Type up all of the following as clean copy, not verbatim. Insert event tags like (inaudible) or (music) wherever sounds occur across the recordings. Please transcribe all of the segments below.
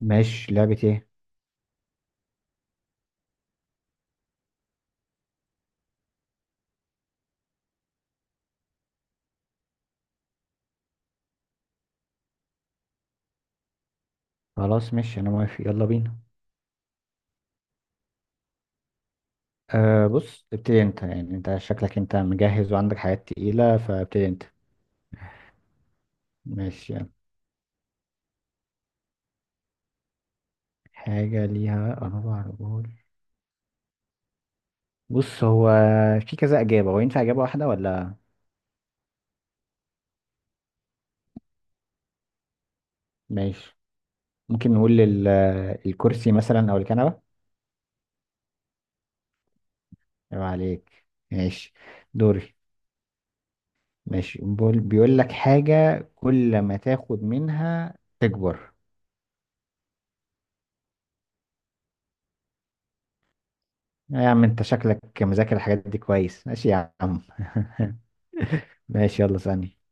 ماشي، لعبة ايه؟ خلاص، ماشي، انا موافق، يلا بينا. بص، ابتدي انت، يعني انت شكلك انت مجهز وعندك حاجات تقيلة، فابتدي انت. ماشي، يلا. حاجة ليها أربع رجول. بص، هو في كذا إجابة، هو ينفع إجابة واحدة ولا؟ ماشي. ممكن نقول الكرسي مثلا أو الكنبة. يبقى عليك. ماشي. دوري. ماشي، بيقول لك حاجة كل ما تاخد منها تكبر. يا عم، انت شكلك مذاكر الحاجات دي كويس، ماشي يا عم. (laughs) ماشي، يلا ثانية.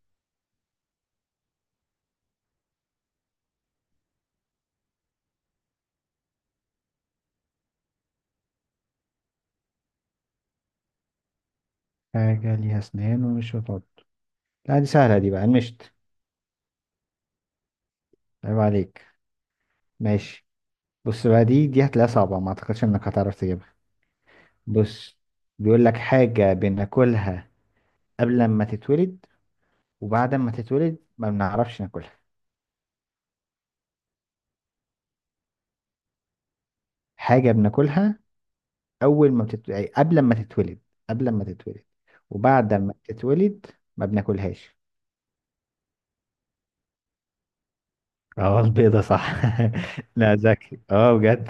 حاجة ليها أسنان ومش بتعض. لا، دي سهلة، دي بقى المشط. عيب عليك، ماشي. بص بقى، دي هتلاقيها صعبة، ما أعتقدش إنك هتعرف تجيبها. بص، بيقول لك: حاجة بناكلها قبل ما تتولد، وبعد ما تتولد ما بنعرفش ناكلها. حاجة بناكلها أول ما بتت... أي قبل ما تتولد، قبل ما تتولد، وبعد ما تتولد ما بناكلهاش. اه، البيضة صح. (laughs) لا، ذكي اه بجد.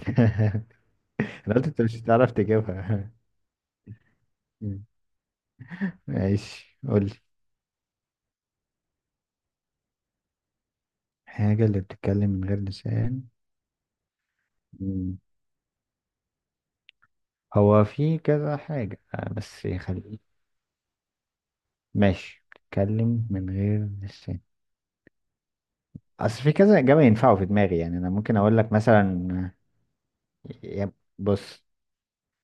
(laughs) انا قلت انت مش هتعرف تجيبها. (laughs) ماشي، قولي. حاجة اللي بتتكلم من غير لسان. مم. هو في كذا حاجة، بس خليك. ماشي، بتتكلم من غير لسان. أصل في كذا إجابة ينفعوا في دماغي، يعني أنا ممكن أقول لك مثلا. آه، يا- بص،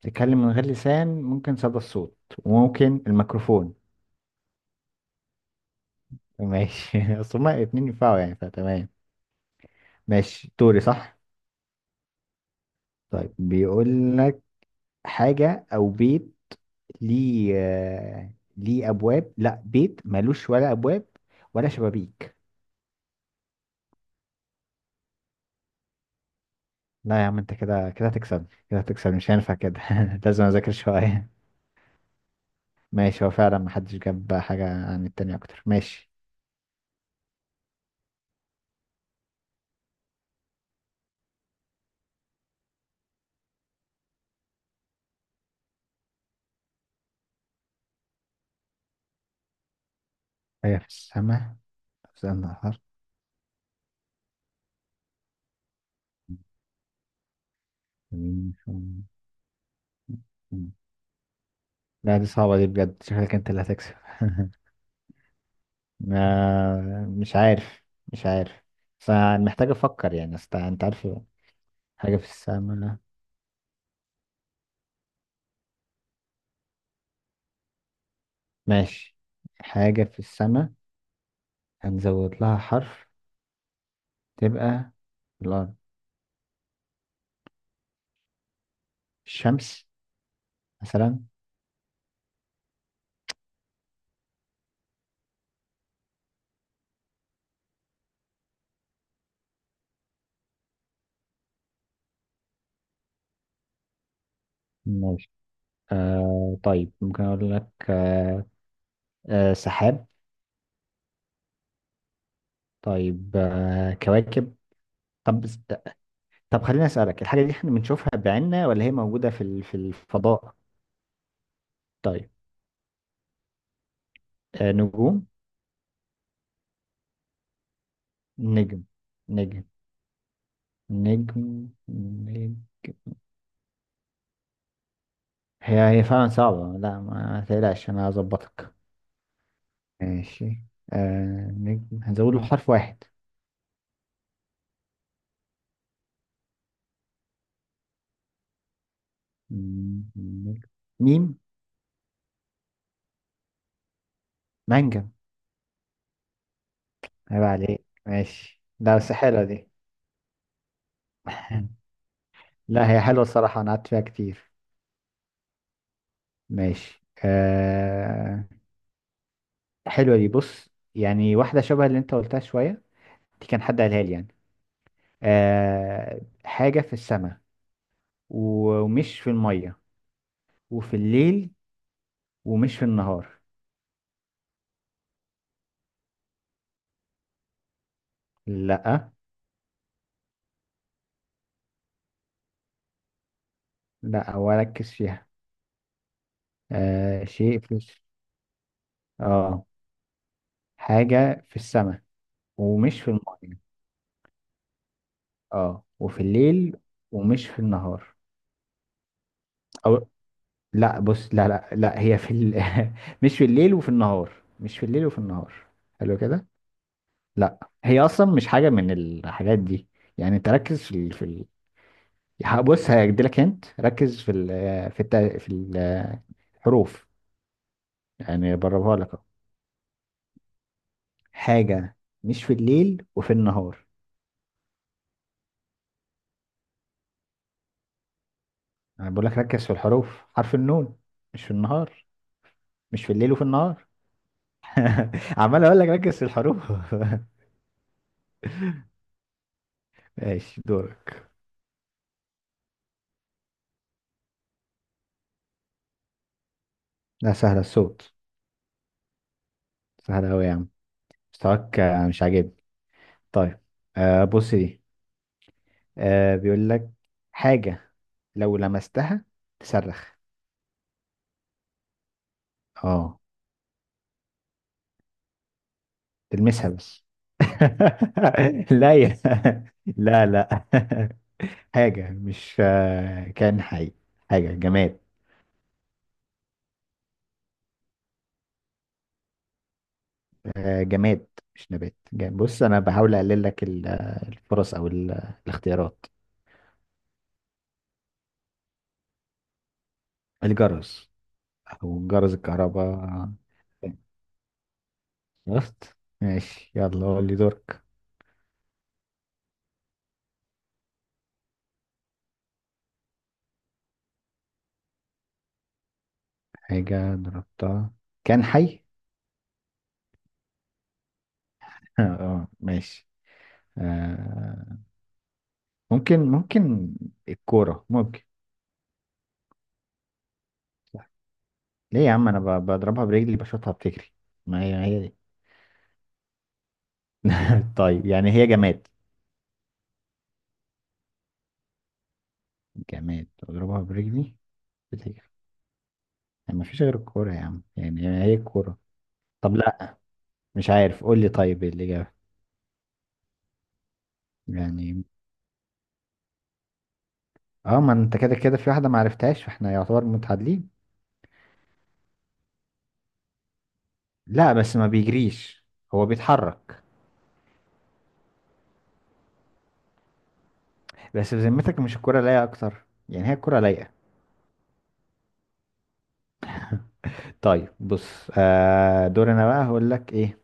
بتتكلم من غير لسان، ممكن صدى الصوت وممكن الميكروفون. ماشي (laughs) أصل هما الاتنين ينفعوا يعني، فتمام. ماشي، دوري صح؟ طيب، بيقول لك: حاجة أو بيت ليه ابواب، لا، بيت مالوش ولا ابواب ولا شبابيك. لا يا عم، انت كده كده هتكسبني، كده هتكسبني، مش هينفع كده، (laughs) لازم اذاكر شويه. ماشي، هو فعلا محدش جاب حاجه عن التاني اكتر، ماشي. هي في السماء، في النهار. لا، دي صعبه دي بجد، شكلك انت اللي هتكسب. (laughs) مش عارف، مش عارف، بس أنا محتاج افكر يعني، أصل انت عارف. حاجه في السماء. ماشي. حاجه في السماء، هنزود لها حرف، تبقى الأرض. الشمس مثلا. ماشي. طيب، ممكن أقول لك، سحاب. طيب، كواكب. طب. خليني أسألك، الحاجة دي احنا بنشوفها بعيننا ولا هي موجودة في الفضاء؟ طيب، نجوم. نجم. نجم. نجم نجم. هي هي فعلا صعبة، لا ما تقلقش، أنا هظبطك. ماشي. نجم، هنزود له حرف واحد. نجم. ميم. مانجا. عيب عليك، ماشي، لا بس حلوة دي. (laughs) لا، هي حلوة الصراحة، أنا قعدت فيها كتير. ماشي. حلوة دي، بص، يعني واحدة شبه اللي أنت قلتها شوية، دي كان حد قالها لي، يعني. حاجة في السماء، ومش في المية، وفي الليل، ومش في النهار. لا. لا، وركز فيها. شيء اه، حاجة في السماء، ومش في المية، اه وفي الليل، ومش في النهار. أو لا، بص، لا لا لا، هي في (laughs) مش في الليل وفي النهار، مش في الليل وفي النهار. حلو كده. لا، هي اصلا مش حاجه من الحاجات دي، يعني انت ركز بص هيديلك، انت ركز في ال... في الت... في ال- الحروف، يعني بربها لك أهو. حاجه، مش في الليل وفي النهار. انا بقول لك ركز في الحروف، حرف النون. مش في النهار، مش في الليل وفي النهار. (laughs) عمال اقول لك ركز في الحروف. (laughs) ماشي، دورك. لا، سهله، الصوت. سهله قوي يا عم، مستواك مش عاجبني. طيب، بص، دي... بيقول لك: حاجة لو لمستها تصرخ. اه، تلمسها بس. (laughs) لا لا لا. (laughs) حاجة مش كائن حي، حاجة جماد. جماد، مش نبات، جماد. بص، أنا بحاول أقلل لك الفرص، أو الاختيارات. الجرس، أو جرس الكهرباء. شفت؟ ماشي، يلا قول لي دورك. حاجة ضربتها كان حي؟ (laughs) اه، ماشي. آه ممكن، الكورة ممكن. ليه يا عم، انا بضربها برجلي بشوطها بتجري، ما هي هي دي. (laughs) طيب، يعني هي جماد، جماد اضربها برجلي بتجري، يعني ما فيش غير الكورة يا عم، يعني هي الكورة. طب لا، مش عارف، قول لي طيب إيه الإجابة يعني. اه، ما انت كده كده في واحدة ما عرفتهاش، فاحنا يعتبر متعادلين. لا بس ما بيجريش. هو بيتحرك، بس في ذمتك، مش الكورة لايقة اكتر؟ يعني هي الكورة لايقة. طيب بص، دور انا بقى، هقول لك ايه.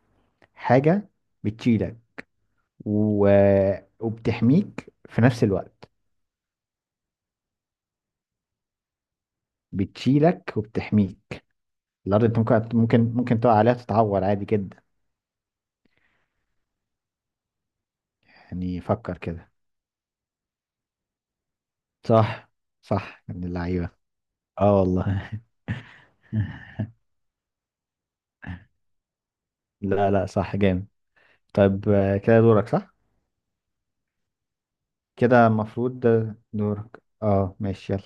حاجة بتشيلك و... وبتحميك في نفس الوقت. بتشيلك وبتحميك. الارض؟ انت ممكن تقع عليها تتعور عادي جدا، يعني فكر كده. صح. صح، من اللعيبة. اه والله. (laughs) لا لا، صح جامد. طيب، كده دورك صح. كده المفروض ده دورك، اه ماشي يلا.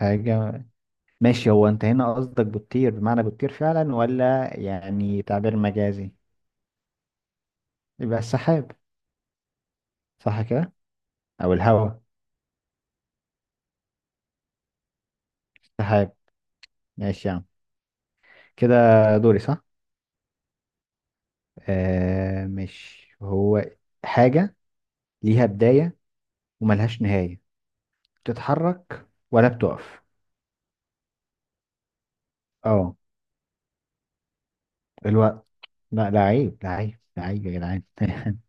حاجة. ماشي، هو انت هنا قصدك بتطير بمعنى بتطير فعلا، ولا يعني تعبير مجازي؟ يبقى السحاب، صح كده؟ او الهواء. سحاب. ماشي يا عم، كده دوري صح؟ مش هو. حاجة ليها بداية وملهاش نهاية، بتتحرك ولا بتقف؟ اه. الوقت. لا لا، عيب، لا عيب، لا عيب يا جدعان! (laughs)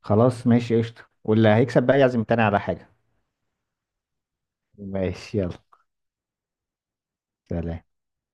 خلاص، ماشي قشطة، واللي هيكسب بقى يعزم التاني على حاجة. ماشي، يلا سلام.